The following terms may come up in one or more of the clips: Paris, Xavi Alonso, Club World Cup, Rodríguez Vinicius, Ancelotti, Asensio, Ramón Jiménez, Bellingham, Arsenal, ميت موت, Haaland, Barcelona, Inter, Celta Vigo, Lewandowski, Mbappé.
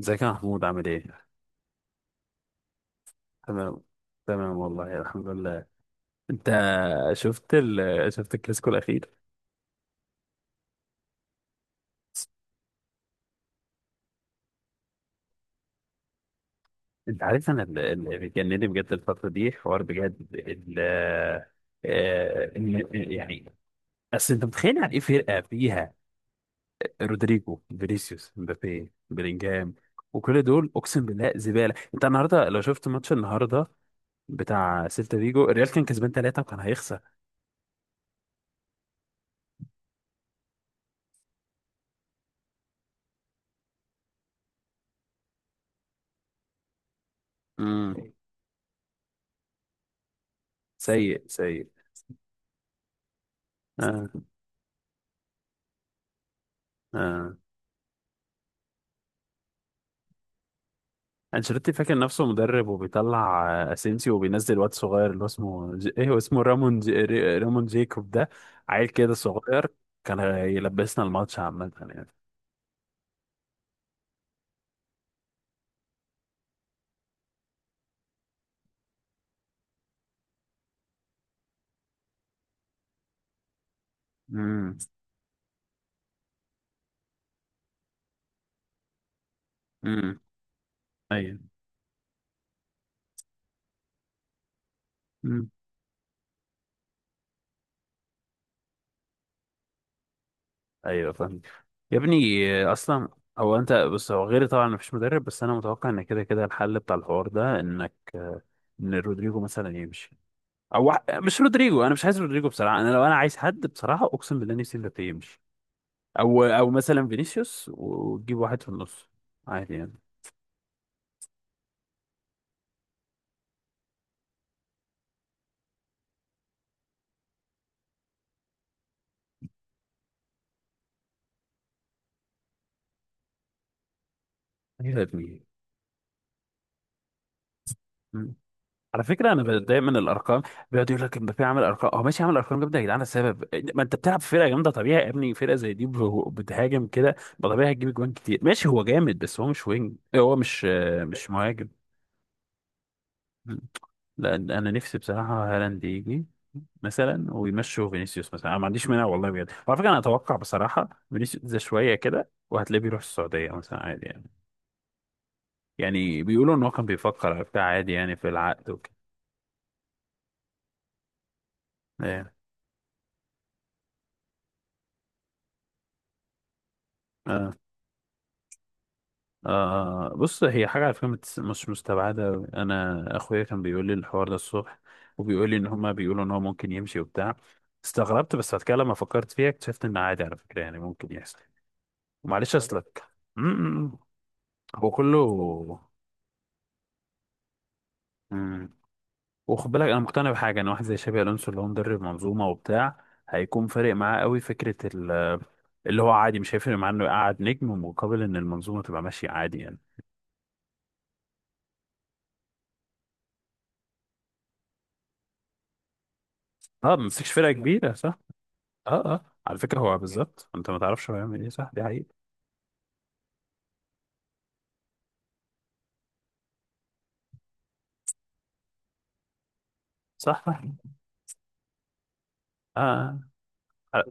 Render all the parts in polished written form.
ازيك يا محمود، عامل ايه؟ تمام. تمام والله، الحمد لله. انت شفت الكلاسيكو الاخير؟ انت عارف انا اللي بيجنني بجد الفترة دي حوار بجد. يعني اصل انت متخيل يعني ايه؟ فرقة فيها رودريجو، فينيسيوس، مبابي، بلينجهام، وكل دول اقسم بالله زبالة. انت النهارده لو شفت ماتش النهارده بتاع سيلتا فيجو، الريال كان كسبان ثلاثة وكان هيخسر. امم سيء سيء. آه. آه. انشيلوتي فاكر نفسه مدرب وبيطلع اسينسيو، وبينزل واد صغير اللي هو ايه، هو اسمه رامون جيكوب ده. عيل كده صغير كان يلبسنا الماتش عامة يعني. امم. امم. ايوه. امم. ايوه فاهم. يا ابني اصلا، هو انت بص، هو غيري طبعا مفيش مدرب، بس انا متوقع ان كده كده الحل بتاع الحوار ده انك ان رودريجو مثلا يمشي. مش رودريجو، انا مش عايز رودريجو بصراحة. انا لو انا عايز حد بصراحة، اقسم بالله، نفسي مبابي يمشي. او مثلا فينيسيوس، وتجيب واحد في النص، عادي يعني. يا ابني. مم. على فكره انا بتضايق من الارقام. بيقعد يقول لك امبابي عمل ارقام. هو ماشي عمل ارقام جامده، يا جدعان السبب ما انت بتلعب في فرقه جامده. طبيعي يا ابني، فرقه زي دي بتهاجم كده، ما طبيعي هتجيب جوان كتير، ماشي. هو جامد بس هو مش وينج، إيه، هو مش مش مهاجم. مم. لا انا نفسي بصراحه هالاند يجي مثلا، ويمشوا فينيسيوس مثلا. انا ما عنديش مانع والله بجد. وعلى فكره انا اتوقع بصراحه فينيسيوس ده شويه كده وهتلاقيه بيروح السعوديه مثلا، عادي يعني. يعني بيقولوا ان هو كان بيفكر على بتاع، عادي يعني، في العقد وكده. ايه. آه. آه. آه. بص، هي حاجة على فكرة مش مستبعدة أوي. انا اخويا كان بيقول لي الحوار ده الصبح، وبيقول لي ان هما بيقولوا ان هو ممكن يمشي وبتاع. استغربت، بس بعد كده لما فكرت فيها اكتشفت ان عادي على فكرة، يعني ممكن يحصل. ومعلش اصلك. م- م- هو كله. م- وخد بالك انا مقتنع بحاجة، ان واحد زي شابي الونسو اللي هو مدرب منظومة وبتاع هيكون فارق معاه قوي. فكرة اللي هو عادي مش هيفرق معاه انه يقعد نجم، مقابل ان المنظومه تبقى ماشيه، عادي يعني. اه، ما مسكش فرقه كبيره، صح. اه اه، على فكره هو بالظبط انت ما تعرفش هو هيعمل ايه، صح، دي حقيقه. صح صح. اه. آه.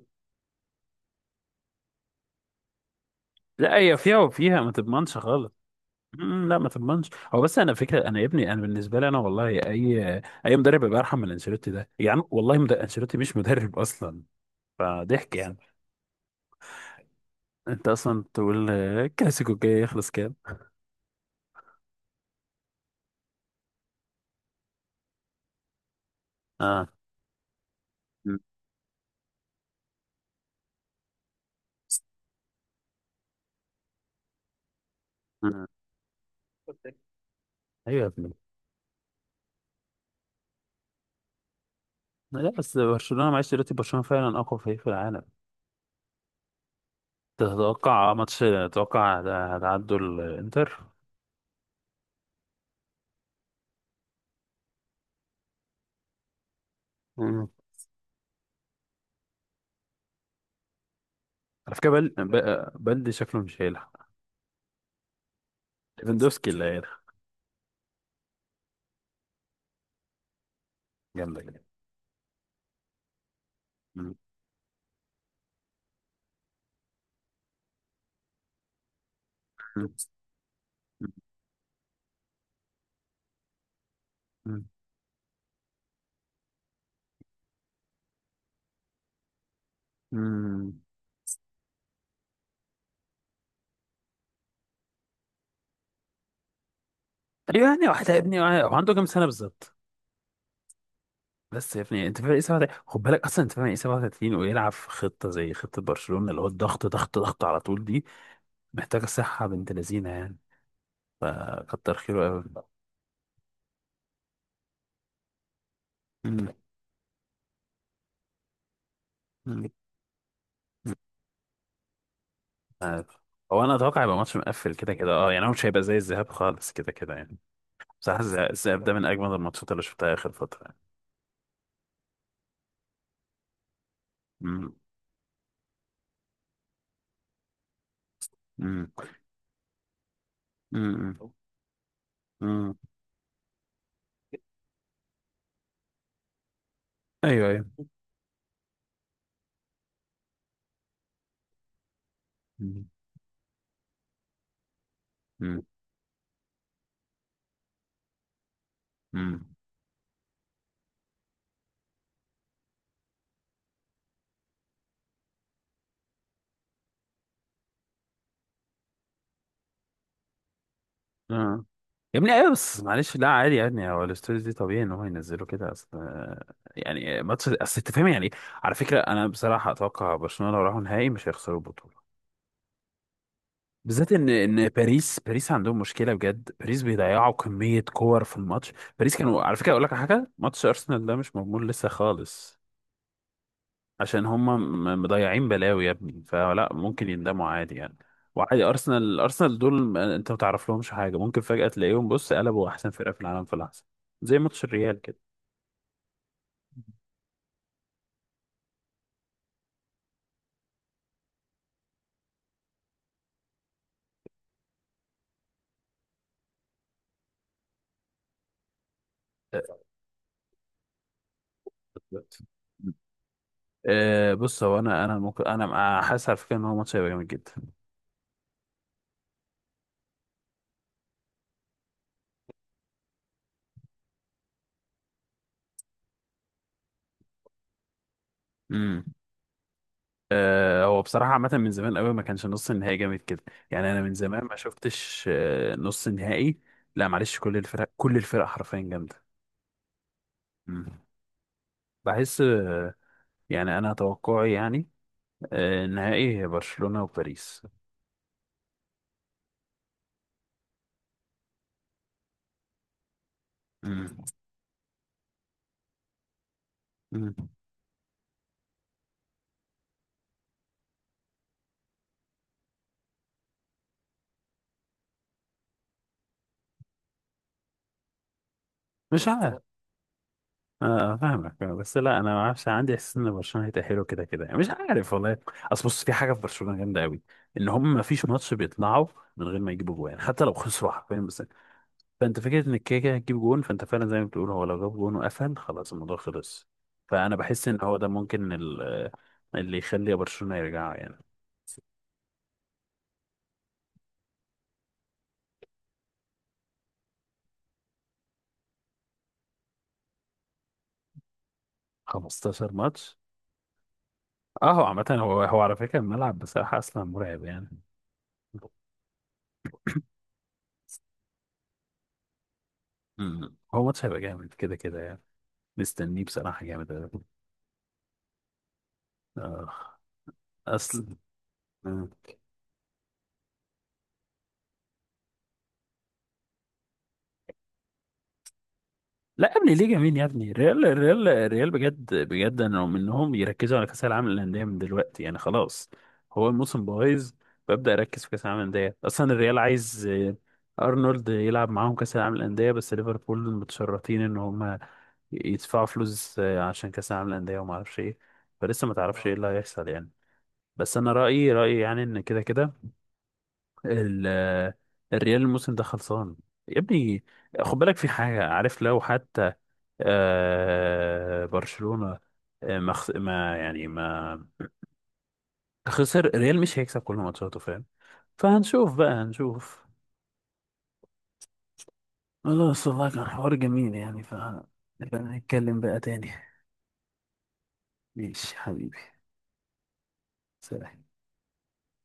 لا هي فيها وفيها، ما تضمنش خالص. لا ما تضمنش. هو بس انا فكره انا، يا ابني، انا بالنسبه لي انا والله، اي اي مدرب يبقى ارحم من انشيلوتي ده يعني. والله انشيلوتي مش مدرب اصلا. فضحك يعني. انت اصلا تقول الكلاسيكو الجاي يخلص كام؟ اه. أمم، أمم. ايوه يا ابني. لا بس برشلونة، معلش دلوقتي برشلونة فعلا أقوى فريق في العالم. تتوقع ماتش، تتوقع هتعدوا الإنتر؟ مم. على فكرة بلدي شكله مش هيلعب. ليفاندوفسكي اللي هيلعب. جامدة جدا. مم. مم. مم. أيوة، يعني واحد يا ابني، هو عنده كام سنة بالظبط؟ بس يا ابني، أنت فاهم إيه 37؟ خد بالك، أصلا أنت فاهم إيه 37 ويلعب في خطة زي خطة برشلونة اللي هو الضغط ضغط ضغط على طول دي؟ محتاجة صحة بنت لذينة يعني. كتر خيره أوي. مم. مم. عارف. هو انا اتوقع هيبقى ماتش مقفل كده كده، اه، يعني هو مش هيبقى زي الذهاب خالص كده كده يعني. بصراحه الذهاب ده من اجمل الماتشات اللي شفتها اخر فتره يعني. امم. امم. امم. امم. ايوه ايوه. امم. امم. أمم. آه. يا ابني، ايوه بس معلش، لا عادي يعني. هو الاستوديو دي طبيعي ان هو ينزله كده، اصل يعني ماتش، اصل انت فاهم يعني إيه؟ على فكره انا بصراحه اتوقع برشلونه لو راحوا نهائي مش هيخسروا البطوله. بالذات ان باريس عندهم مشكله بجد. باريس بيضيعوا كميه كور في الماتش. باريس كانوا، على فكره اقول لك على حاجه، ماتش ارسنال ده مش مضمون لسه خالص. عشان هم مضيعين بلاوي يا ابني، فلا ممكن يندموا، عادي يعني. وعادي، ارسنال دول، انت ما تعرف لهمش حاجه، ممكن فجاه تلاقيهم، بص، قلبوا احسن فرقه في العالم في لحظه، زي ماتش الريال كده. أه أه، بص، هو انا ممكن، انا حاسس على فكره ان هو ماتش هيبقى جامد جدا. هو بصراحة عامة من زمان قوي ما كانش نص النهائي جامد كده. يعني أنا من زمان ما شفتش نص نهائي. لا معلش، كل الفرق، كل الفرق حرفيا جامدة. مم. بحس يعني أنا توقعي يعني، النهائي هي برشلونة وباريس. مم. مم. مش عارف. اه. فاهمك. بس لا انا ما اعرفش، عندي احساس ان برشلونه هيتاهلوا كده كده يعني، مش عارف والله. اصل بص، في حاجه في برشلونه جامده قوي، ان هم ما فيش ماتش بيطلعوا من غير ما يجيبوا جوان، حتى لو خسروا حرفيا. بس فانت فكره ان كده كده هتجيب جون، فانت فعلا زي ما بتقول، هو لو جاب جون وقفل، خلاص الموضوع خلص. فانا بحس ان هو ده ممكن اللي يخلي برشلونه يرجع يعني. 15 ماتش. اه، هو عامه هو على فكره الملعب بصراحه اصلا مرعب يعني. مم. هو ماتش هيبقى جامد كده كده يعني. مستنيه بصراحه جامد أوي. آه. اصل، لا يا ابني ليه، جميل يا ابني. الريال الريال الريال بجد بجد، انا مؤمن انهم يركزوا على كاس العالم للانديه من دلوقتي يعني، خلاص. هو الموسم بايظ، ببدا اركز في كاس العالم للانديه. اصلا الريال عايز ارنولد يلعب معاهم كاس العالم للانديه، بس ليفربول متشرطين ان هم يدفعوا فلوس عشان كاس العالم للانديه، وما اعرفش ايه، فلسه ما تعرفش ايه، اللي هيحصل يعني. بس انا رايي رايي يعني ان كده كده ال الريال الموسم ده خلصان، يا ابني. خد بالك في حاجة، عارف لو حتى برشلونة آه، ما خس- ما يعني ما خسر، الريال مش هيكسب كل ماتشاته، فاهم. فهنشوف بقى، هنشوف. خلاص والله، كان حوار جميل يعني. ف نبقى نتكلم بقى تاني. ماشي حبيبي. سلام.